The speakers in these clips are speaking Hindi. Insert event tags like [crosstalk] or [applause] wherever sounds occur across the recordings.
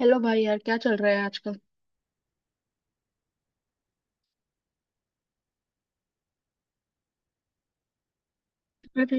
हेलो भाई, यार क्या चल रहा है आजकल? अरे,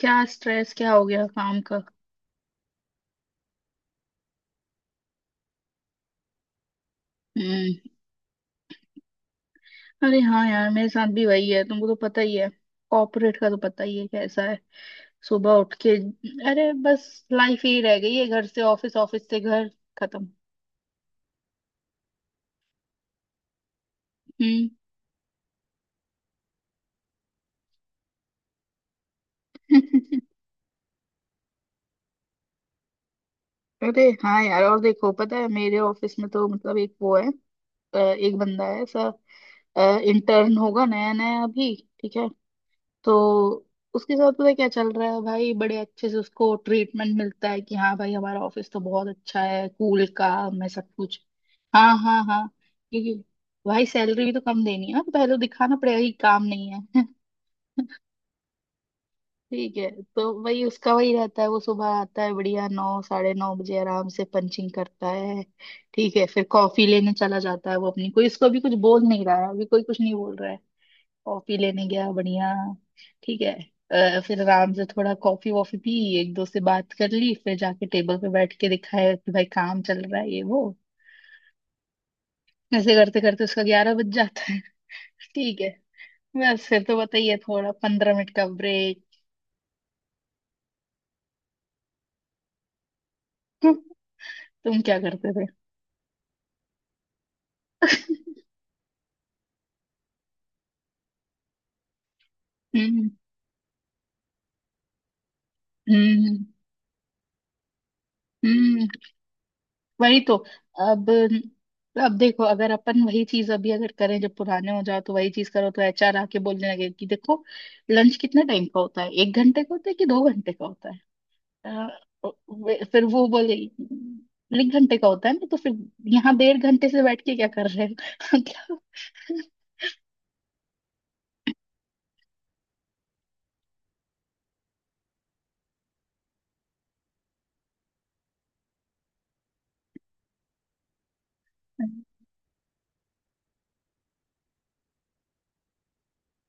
क्या स्ट्रेस, क्या हो गया काम का? हम्म। अरे हाँ यार, मेरे साथ भी वही है, तुमको तो पता ही है। कॉर्पोरेट का तो पता ही है कैसा है। सुबह उठ के, अरे बस लाइफ ही रह गई है, घर से ऑफिस, ऑफिस से घर। खत्म। हम्म। [laughs] अरे हाँ यार, और देखो पता है मेरे ऑफिस में तो मतलब एक वो है। एक बंदा है ऐसा, इंटर्न होगा नया नया अभी, ठीक है। तो उसके साथ पता है क्या चल रहा है भाई, बड़े अच्छे से उसको ट्रीटमेंट मिलता है कि हाँ भाई हमारा ऑफिस तो बहुत अच्छा है, कूल काम है सब कुछ। हाँ, हाँ, हाँ। क्योंकि भाई सैलरी भी तो कम देनी है ना, तो पहले तो दिखाना पड़ेगा कि काम नहीं है। [laughs] ठीक है। तो वही उसका वही रहता है, वो सुबह आता है बढ़िया नौ साढ़े नौ बजे आराम से पंचिंग करता है। ठीक है। फिर कॉफी लेने चला जाता है, वो अपनी कोई, इसको अभी कुछ बोल नहीं रहा है, अभी कोई कुछ नहीं बोल रहा है। कॉफी लेने गया बढ़िया। ठीक है। फिर आराम से थोड़ा कॉफी वॉफी पी, एक दो से बात कर ली, फिर जाके टेबल पे बैठ के दिखाया कि भाई काम चल रहा है ये वो। ऐसे करते करते उसका 11 बज जाता है। [laughs] ठीक है। बस फिर तो बताइए, थोड़ा 15 मिनट का ब्रेक। [laughs] तुम क्या करते थे? हम्म। हम्म। हम्म। हम्म। वही तो। अब अब देखो, अगर अपन वही चीज अभी अगर करें, जब पुराने हो जाओ तो वही चीज करो तो एचआर आके बोलने लगे कि देखो लंच कितने टाइम का होता है, एक घंटे का होता है कि दो घंटे का होता है। अ, फिर वो बोले एक घंटे का होता है ना, तो फिर यहाँ डेढ़ घंटे से बैठ के क्या कर रहे हो? [laughs] क्या।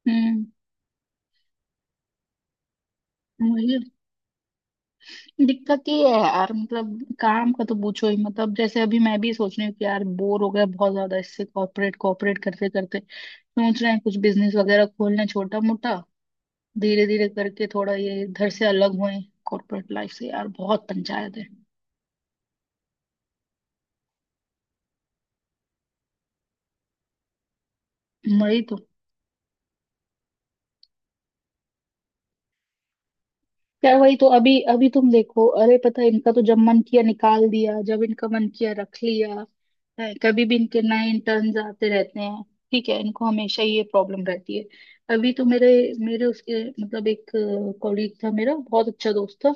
हम्म। वही दिक्कत ये है यार, मतलब काम का तो पूछो ही मतलब, जैसे अभी मैं भी सोच रही हूँ कि यार बोर हो गया बहुत ज्यादा इससे, कॉर्पोरेट कॉर्पोरेट करते करते। सोच रहे हैं कुछ बिजनेस वगैरह खोलना, छोटा मोटा, धीरे धीरे करके थोड़ा ये इधर से अलग हुए कॉर्पोरेट लाइफ से, यार बहुत पंचायत है। वही तो यार, वही तो। अभी अभी तुम देखो, अरे पता है इनका तो जब मन किया निकाल दिया, जब इनका मन किया रख लिया है, कभी भी इनके नए इंटर्न्स आते रहते हैं, ठीक है। इनको हमेशा ये प्रॉब्लम रहती है। अभी तो मेरे मेरे उसके मतलब एक कॉलीग था मेरा, बहुत अच्छा दोस्त था।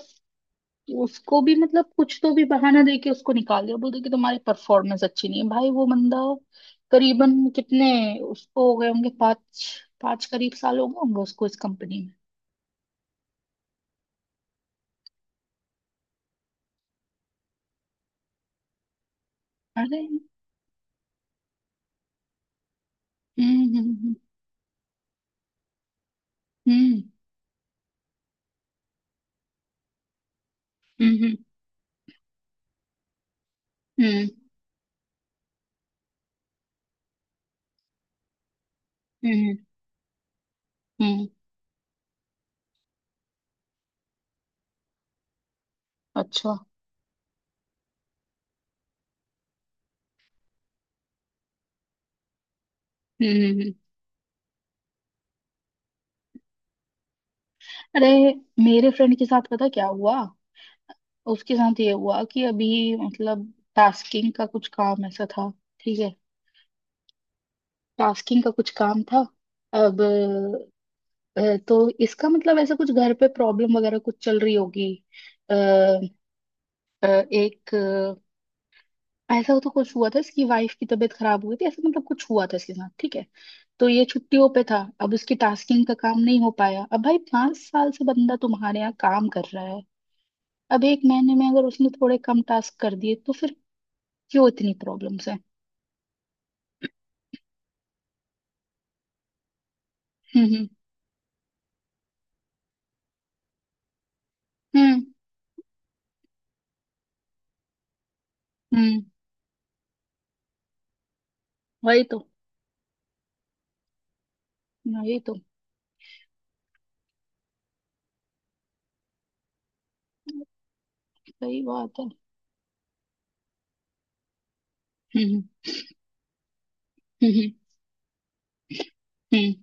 उसको भी मतलब कुछ तो भी बहाना दे के उसको निकाल दिया, बोलते कि तुम्हारी परफॉर्मेंस अच्छी नहीं है। भाई वो बंदा करीबन कितने, उसको हो गए होंगे पाँच, पाँच करीब साल हो गए होंगे उसको इस कंपनी में। अरे। हम्म। हम्म। हम्म। हम्म। हम्म। हम्म। हम्म। हम्म। अच्छा। हम्म। हम्म। हम्म। अरे मेरे फ्रेंड के साथ पता क्या हुआ। उसके साथ ये हुआ कि अभी मतलब टास्किंग का कुछ काम ऐसा था, ठीक है। टास्किंग का कुछ काम था। अब तो इसका मतलब ऐसा कुछ घर पे प्रॉब्लम वगैरह कुछ चल रही होगी। अ, अ, एक ऐसा तो कुछ हुआ था, इसकी वाइफ की तबीयत खराब हुई थी, ऐसा मतलब कुछ हुआ था इसके साथ, ठीक है। तो ये छुट्टियों पे था, अब उसकी टास्किंग का काम नहीं हो पाया। अब भाई, 5 साल से बंदा तुम्हारे यहाँ काम कर रहा है, अब एक महीने में अगर उसने थोड़े कम टास्क कर दिए तो फिर क्यों इतनी प्रॉब्लम्स है। हम्म। हम्म। हम्म। हम्म, वही तो। वही तो। सही बात है। हम्म। हम्म। हम्म।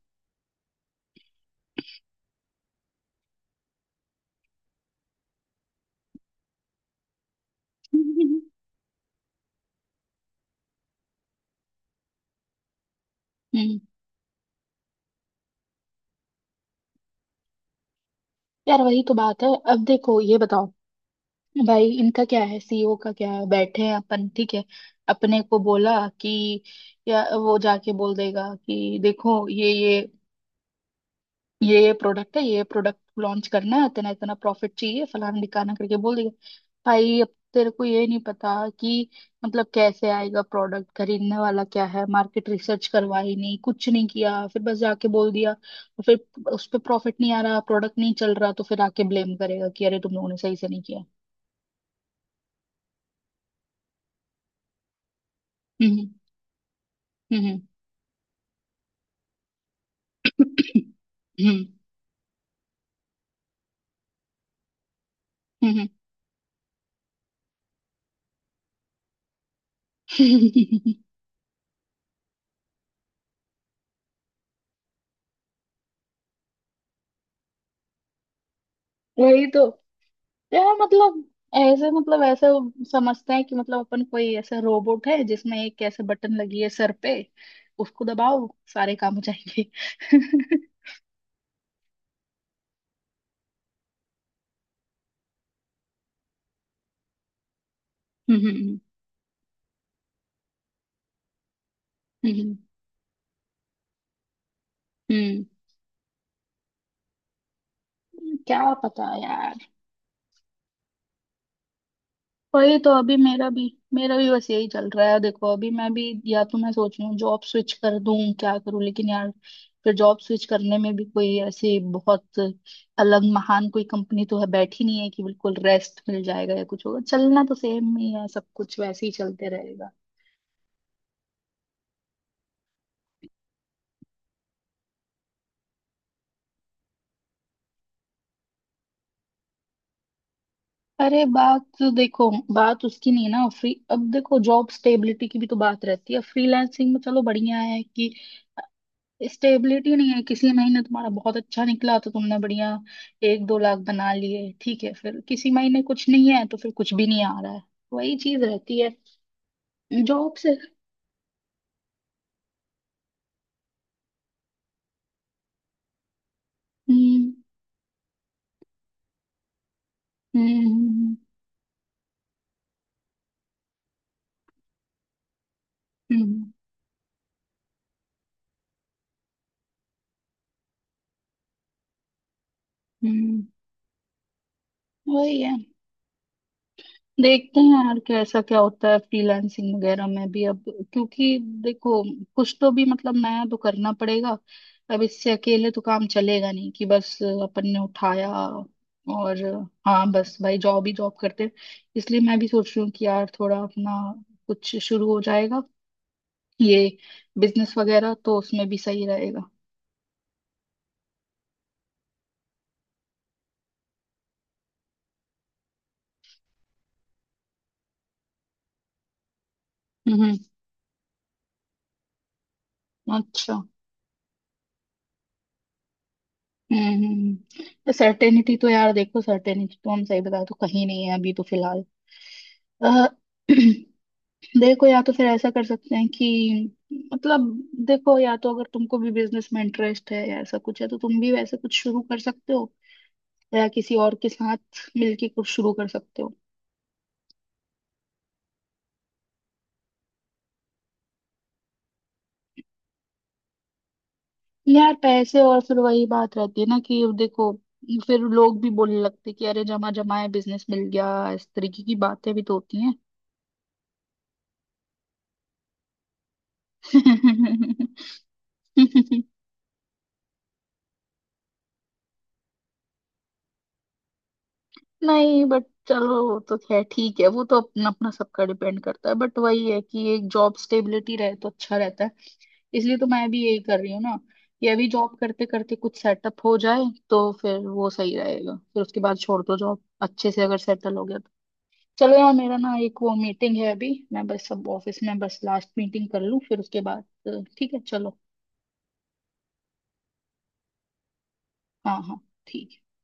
हम्म। हम्म। हम्म। यार वही तो बात है। अब देखो ये बताओ, भाई इनका क्या है, सीईओ का क्या है, बैठे हैं अपन, ठीक है। अपने को बोला कि, या वो जाके बोल देगा कि देखो ये प्रोडक्ट है, ये प्रोडक्ट लॉन्च करना है, इतना इतना प्रॉफिट चाहिए, फलाना ढिकाना करके बोल देगा। भाई अब तेरे को ये नहीं पता कि मतलब कैसे आएगा प्रोडक्ट खरीदने वाला, क्या है, मार्केट रिसर्च करवाई नहीं, कुछ नहीं किया, फिर बस जाके बोल दिया। और फिर उस पर प्रॉफिट नहीं आ रहा, प्रोडक्ट नहीं चल रहा, तो फिर आके ब्लेम करेगा कि अरे तुम लोगों ने सही से नहीं किया। हम्म। हम्म। हम्म। हम्म। हम्म, हम्म। [laughs] वही तो यार मतलब, ऐसे मतलब, ऐसे समझते हैं कि मतलब अपन कोई ऐसा रोबोट है जिसमें एक ऐसे बटन लगी है सर पे, उसको दबाओ सारे काम हो जाएंगे। [laughs] हम्म। हम्म। हम्म। हम्म। क्या पता यार। वही तो। अभी मेरा भी बस यही चल रहा है, देखो अभी मैं भी, या तो मैं सोच रही हूँ जॉब स्विच कर दूं, क्या करूं। लेकिन यार फिर जॉब स्विच करने में भी कोई ऐसी बहुत अलग महान कोई कंपनी तो है बैठी नहीं, है कि बिल्कुल रेस्ट मिल जाएगा या कुछ होगा, चलना तो सेम ही है, सब कुछ वैसे ही चलते रहेगा। अरे बात तो देखो, बात उसकी नहीं ना, फ्री, अब देखो जॉब स्टेबिलिटी की भी तो बात रहती है फ्रीलांसिंग में, चलो बढ़िया है कि स्टेबिलिटी नहीं है, किसी महीने तुम्हारा बहुत अच्छा निकला तो तुमने बढ़िया एक दो लाख बना लिए, ठीक है, फिर किसी महीने कुछ नहीं है तो फिर कुछ भी नहीं आ रहा है। वही चीज रहती है जॉब से। हम्म। हम्म। हम्म। हम्म। हम्म। वही है। देखते हैं यार कैसा क्या होता है फ्रीलांसिंग वगैरह में भी, अब क्योंकि देखो कुछ तो भी मतलब नया तो करना पड़ेगा, अब इससे अकेले तो काम चलेगा नहीं कि बस अपन ने उठाया और हाँ बस भाई जॉब ही जॉब करते हैं। इसलिए मैं भी सोच रही हूँ कि यार थोड़ा अपना कुछ शुरू हो जाएगा ये बिजनेस वगैरह, तो उसमें भी सही रहेगा। हम्म। अच्छा। हम्म। हम्म। सर्टेनिटी तो यार देखो, सर्टेनिटी तो हम सही बता, तो कहीं नहीं है अभी तो फिलहाल। अ, [clears throat] देखो, या तो फिर ऐसा कर सकते हैं कि मतलब, देखो या तो अगर तुमको भी बिजनेस में इंटरेस्ट है या ऐसा कुछ है तो तुम भी वैसे कुछ शुरू कर सकते हो, या किसी और के साथ मिलके कुछ शुरू कर सकते हो। यार पैसे, और फिर वही बात रहती है ना कि देखो फिर लोग भी बोलने लगते हैं कि अरे जमा जमाए बिजनेस मिल गया, इस तरीके की बातें भी तो होती हैं। [laughs] नहीं, बट चलो वो तो खैर ठीक है, वो तो अपना अपना सबका डिपेंड करता है, बट वही है कि एक जॉब स्टेबिलिटी रहे तो अच्छा रहता है। इसलिए तो मैं भी यही कर रही हूँ ना, कि अभी जॉब करते करते कुछ सेटअप हो जाए तो फिर वो सही रहेगा, फिर उसके बाद छोड़ दो जॉब, अच्छे से अगर सेटल हो गया तो। चलो यार, मेरा ना एक वो मीटिंग है अभी, मैं बस सब ऑफिस में बस लास्ट मीटिंग कर लूँ फिर उसके बाद, ठीक है चलो। हाँ, हाँ, ठीक है।